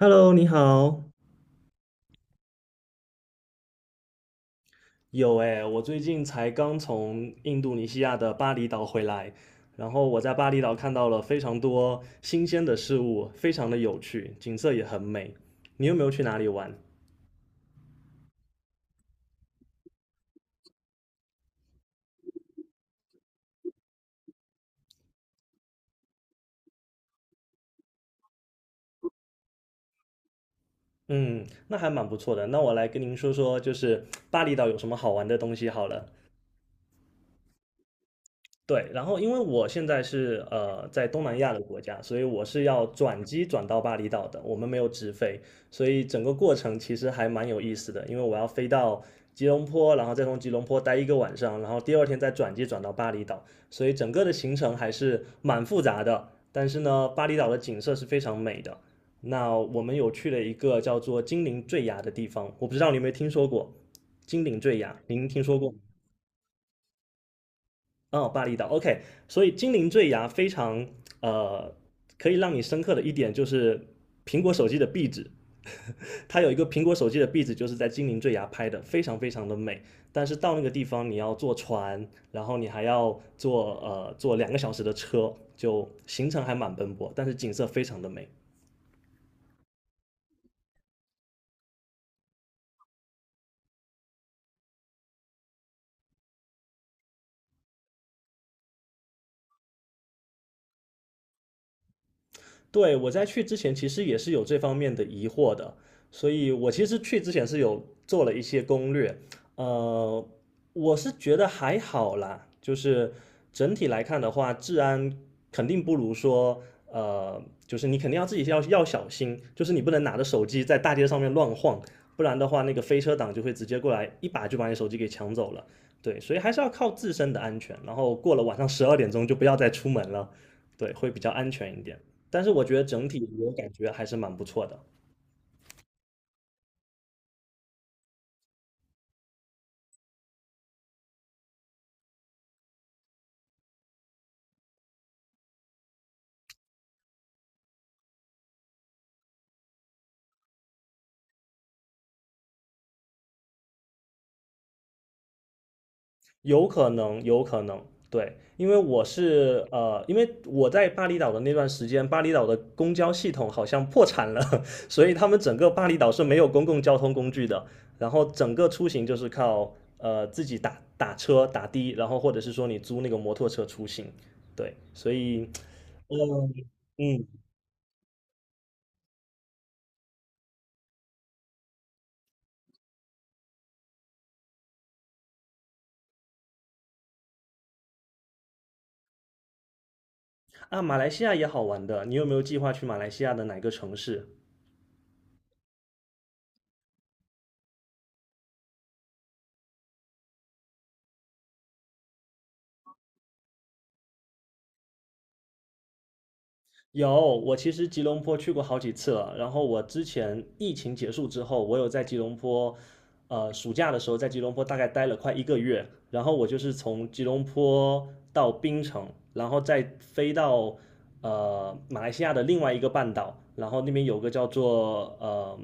Hello，你好。有诶，我最近才刚从印度尼西亚的巴厘岛回来，然后我在巴厘岛看到了非常多新鲜的事物，非常的有趣，景色也很美。你有没有去哪里玩？嗯，那还蛮不错的。那我来跟您说说，就是巴厘岛有什么好玩的东西好了。对，然后因为我现在是在东南亚的国家，所以我是要转机转到巴厘岛的，我们没有直飞，所以整个过程其实还蛮有意思的，因为我要飞到吉隆坡，然后再从吉隆坡待一个晚上，然后第二天再转机转到巴厘岛，所以整个的行程还是蛮复杂的。但是呢，巴厘岛的景色是非常美的。那我们有去了一个叫做金陵坠崖的地方，我不知道你有没有听说过金陵坠崖，您听说过吗？哦，巴厘岛，OK，所以精灵坠崖非常呃，可以让你深刻的一点就是苹果手机的壁纸，它有一个苹果手机的壁纸，就是在精灵坠崖拍的，非常非常的美。但是到那个地方，你要坐船，然后你还要坐坐两个小时的车，就行程还蛮奔波，但是景色非常的美。对，我在去之前其实也是有这方面的疑惑的，所以我其实去之前是有做了一些攻略，呃，我是觉得还好啦，就是整体来看的话，治安肯定不如说，就是你肯定要自己要小心，就是你不能拿着手机在大街上面乱晃，不然的话，那个飞车党就会直接过来一把就把你手机给抢走了。对，所以还是要靠自身的安全，然后过了晚上十二点钟就不要再出门了，对，会比较安全一点。但是我觉得整体我感觉还是蛮不错的，有可能，有可能，对，因为我在巴厘岛的那段时间，巴厘岛的公交系统好像破产了，所以他们整个巴厘岛是没有公共交通工具的，然后整个出行就是靠自己打车，然后或者是说你租那个摩托车出行，对，所以，嗯嗯啊，马来西亚也好玩的，你有没有计划去马来西亚的哪个城市？有，我其实吉隆坡去过好几次了。然后我之前疫情结束之后，我有在吉隆坡，暑假的时候在吉隆坡大概待了快一个月。然后我就是从吉隆坡到槟城，然后再飞到马来西亚的另外一个半岛，然后那边有个叫做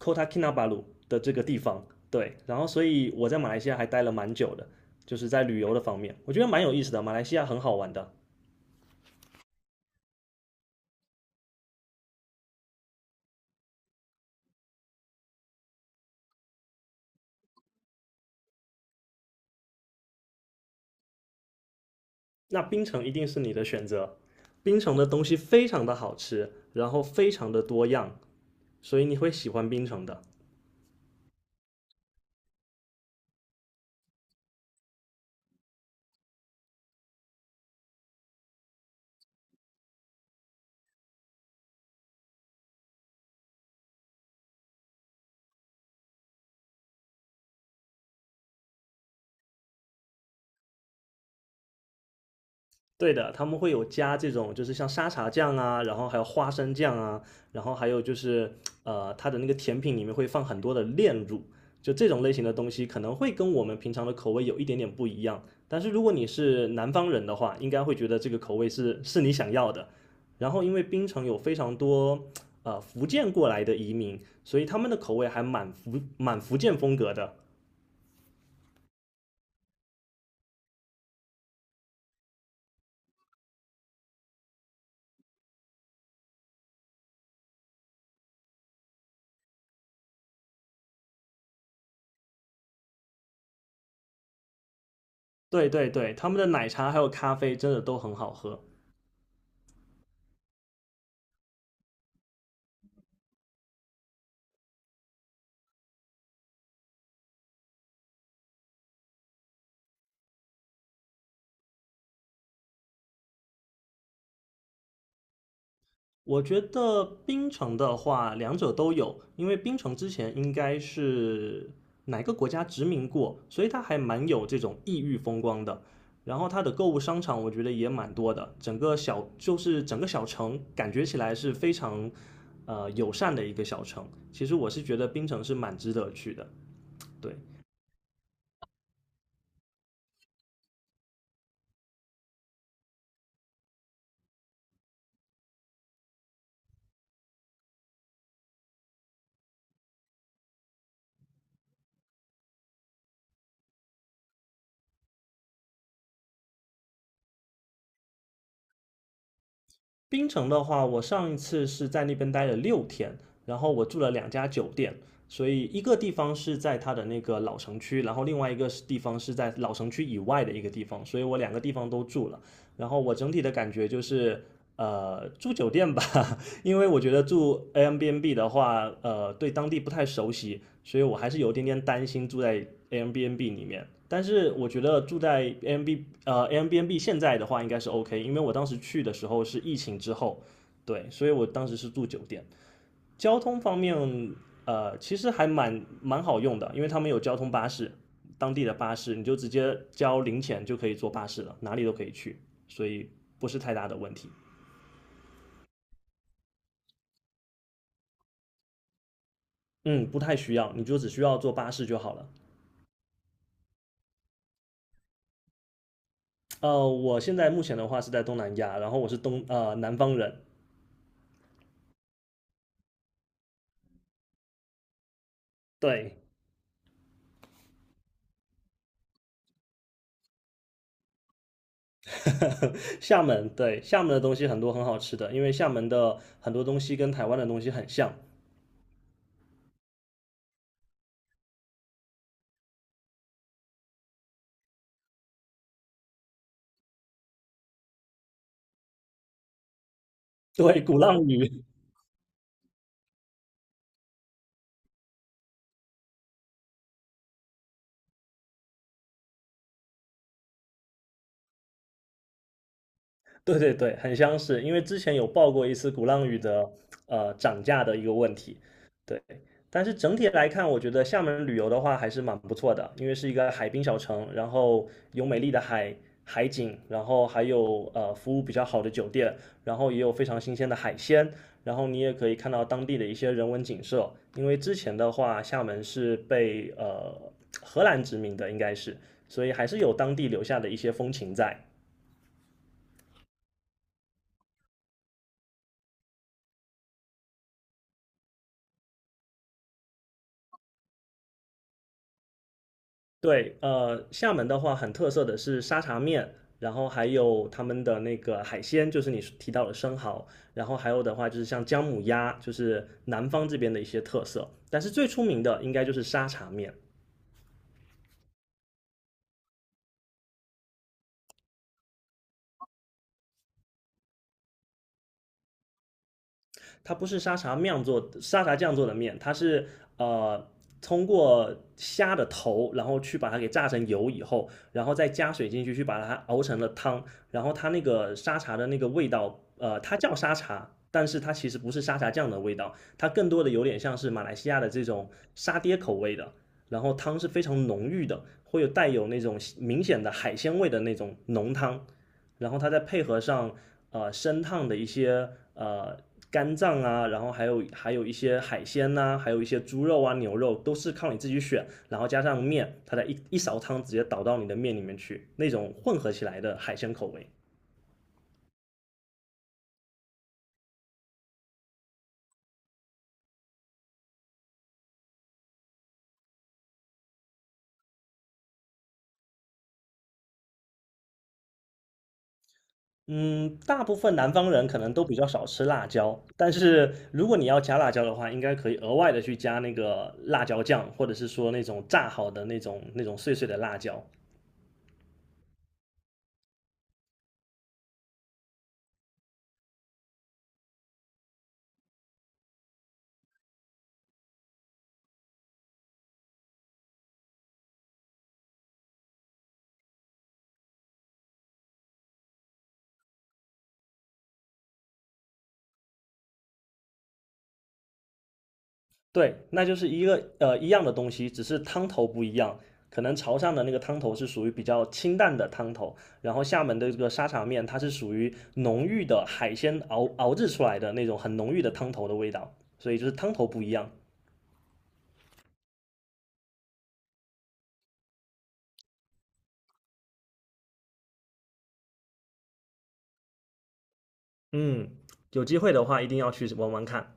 Kota Kinabalu 的这个地方。对，然后所以我在马来西亚还待了蛮久的，就是在旅游的方面，我觉得蛮有意思的。马来西亚很好玩的。那槟城一定是你的选择。槟城的东西非常的好吃，然后非常的多样，所以你会喜欢槟城的。对的，他们会有加这种，就是像沙茶酱啊，然后还有花生酱啊，然后还有就是它的那个甜品里面会放很多的炼乳，就这种类型的东西可能会跟我们平常的口味有一点点不一样。但是如果你是南方人的话，应该会觉得这个口味是你想要的。然后因为槟城有非常多福建过来的移民，所以他们的口味还蛮福建风格的。对对对，他们的奶茶还有咖啡真的都很好喝。我觉得槟城的话，两者都有，因为槟城之前应该是哪个国家殖民过，所以它还蛮有这种异域风光的。然后它的购物商场，我觉得也蛮多的，整个小城感觉起来是非常友善的一个小城。其实我是觉得槟城是蛮值得去的，对。槟城的话，我上一次是在那边待了六天，然后我住了两家酒店，所以一个地方是在它的那个老城区，然后另外一个地方是在老城区以外的一个地方，所以我两个地方都住了。然后我整体的感觉就是，住酒店吧，因为我觉得住 Airbnb 的话，对当地不太熟悉，所以我还是有点点担心住在 Airbnb 里面。但是我觉得住在 Airbnb 现在的话应该是 OK，因为我当时去的时候是疫情之后，对，所以我当时是住酒店。交通方面，其实还蛮好用的，因为他们有交通巴士，当地的巴士，你就直接交零钱就可以坐巴士了，哪里都可以去，所以不是太大的问题。嗯，不太需要，你就只需要坐巴士就好了。我现在目前的话是在东南亚，然后我是南方人，对，厦门，对，厦门的东西很多很好吃的，因为厦门的很多东西跟台湾的东西很像，对，鼓浪屿，对对对，很相似，因为之前有报过一次鼓浪屿的涨价的一个问题，对。但是整体来看，我觉得厦门旅游的话还是蛮不错的，因为是一个海滨小城，然后有美丽的海景，然后还有服务比较好的酒店，然后也有非常新鲜的海鲜，然后你也可以看到当地的一些人文景色。因为之前的话，厦门是被荷兰殖民的，应该是，所以还是有当地留下的一些风情在。对，厦门的话很特色的是沙茶面，然后还有他们的那个海鲜，就是你提到的生蚝，然后还有的话就是像姜母鸭，就是南方这边的一些特色。但是最出名的应该就是沙茶面。它不是沙茶酱做的面，它是呃通过虾的头，然后去把它给炸成油以后，然后再加水进去，去把它熬成了汤，然后它那个沙茶的那个味道，它叫沙茶。但是它其实不是沙茶酱的味道，它更多的有点像是马来西亚的这种沙爹口味的，然后汤是非常浓郁的，会有带有那种明显的海鲜味的那种浓汤，然后它再配合上生烫的一些呃肝脏啊，然后还有一些海鲜呐、啊还有一些猪肉啊、牛肉，都是靠你自己选，然后加上面，它的一勺汤直接倒到你的面里面去，那种混合起来的海鲜口味。嗯，大部分南方人可能都比较少吃辣椒，但是如果你要加辣椒的话，应该可以额外的去加那个辣椒酱，或者是说那种炸好的那种碎碎的辣椒。对，那就是一个一样的东西，只是汤头不一样。可能潮汕的那个汤头是属于比较清淡的汤头，然后厦门的这个沙茶面，它是属于浓郁的海鲜熬制出来的那种很浓郁的汤头的味道，所以就是汤头不一样。嗯，有机会的话一定要去玩玩看。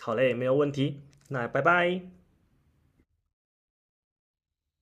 好嘞，没有问题，那拜拜。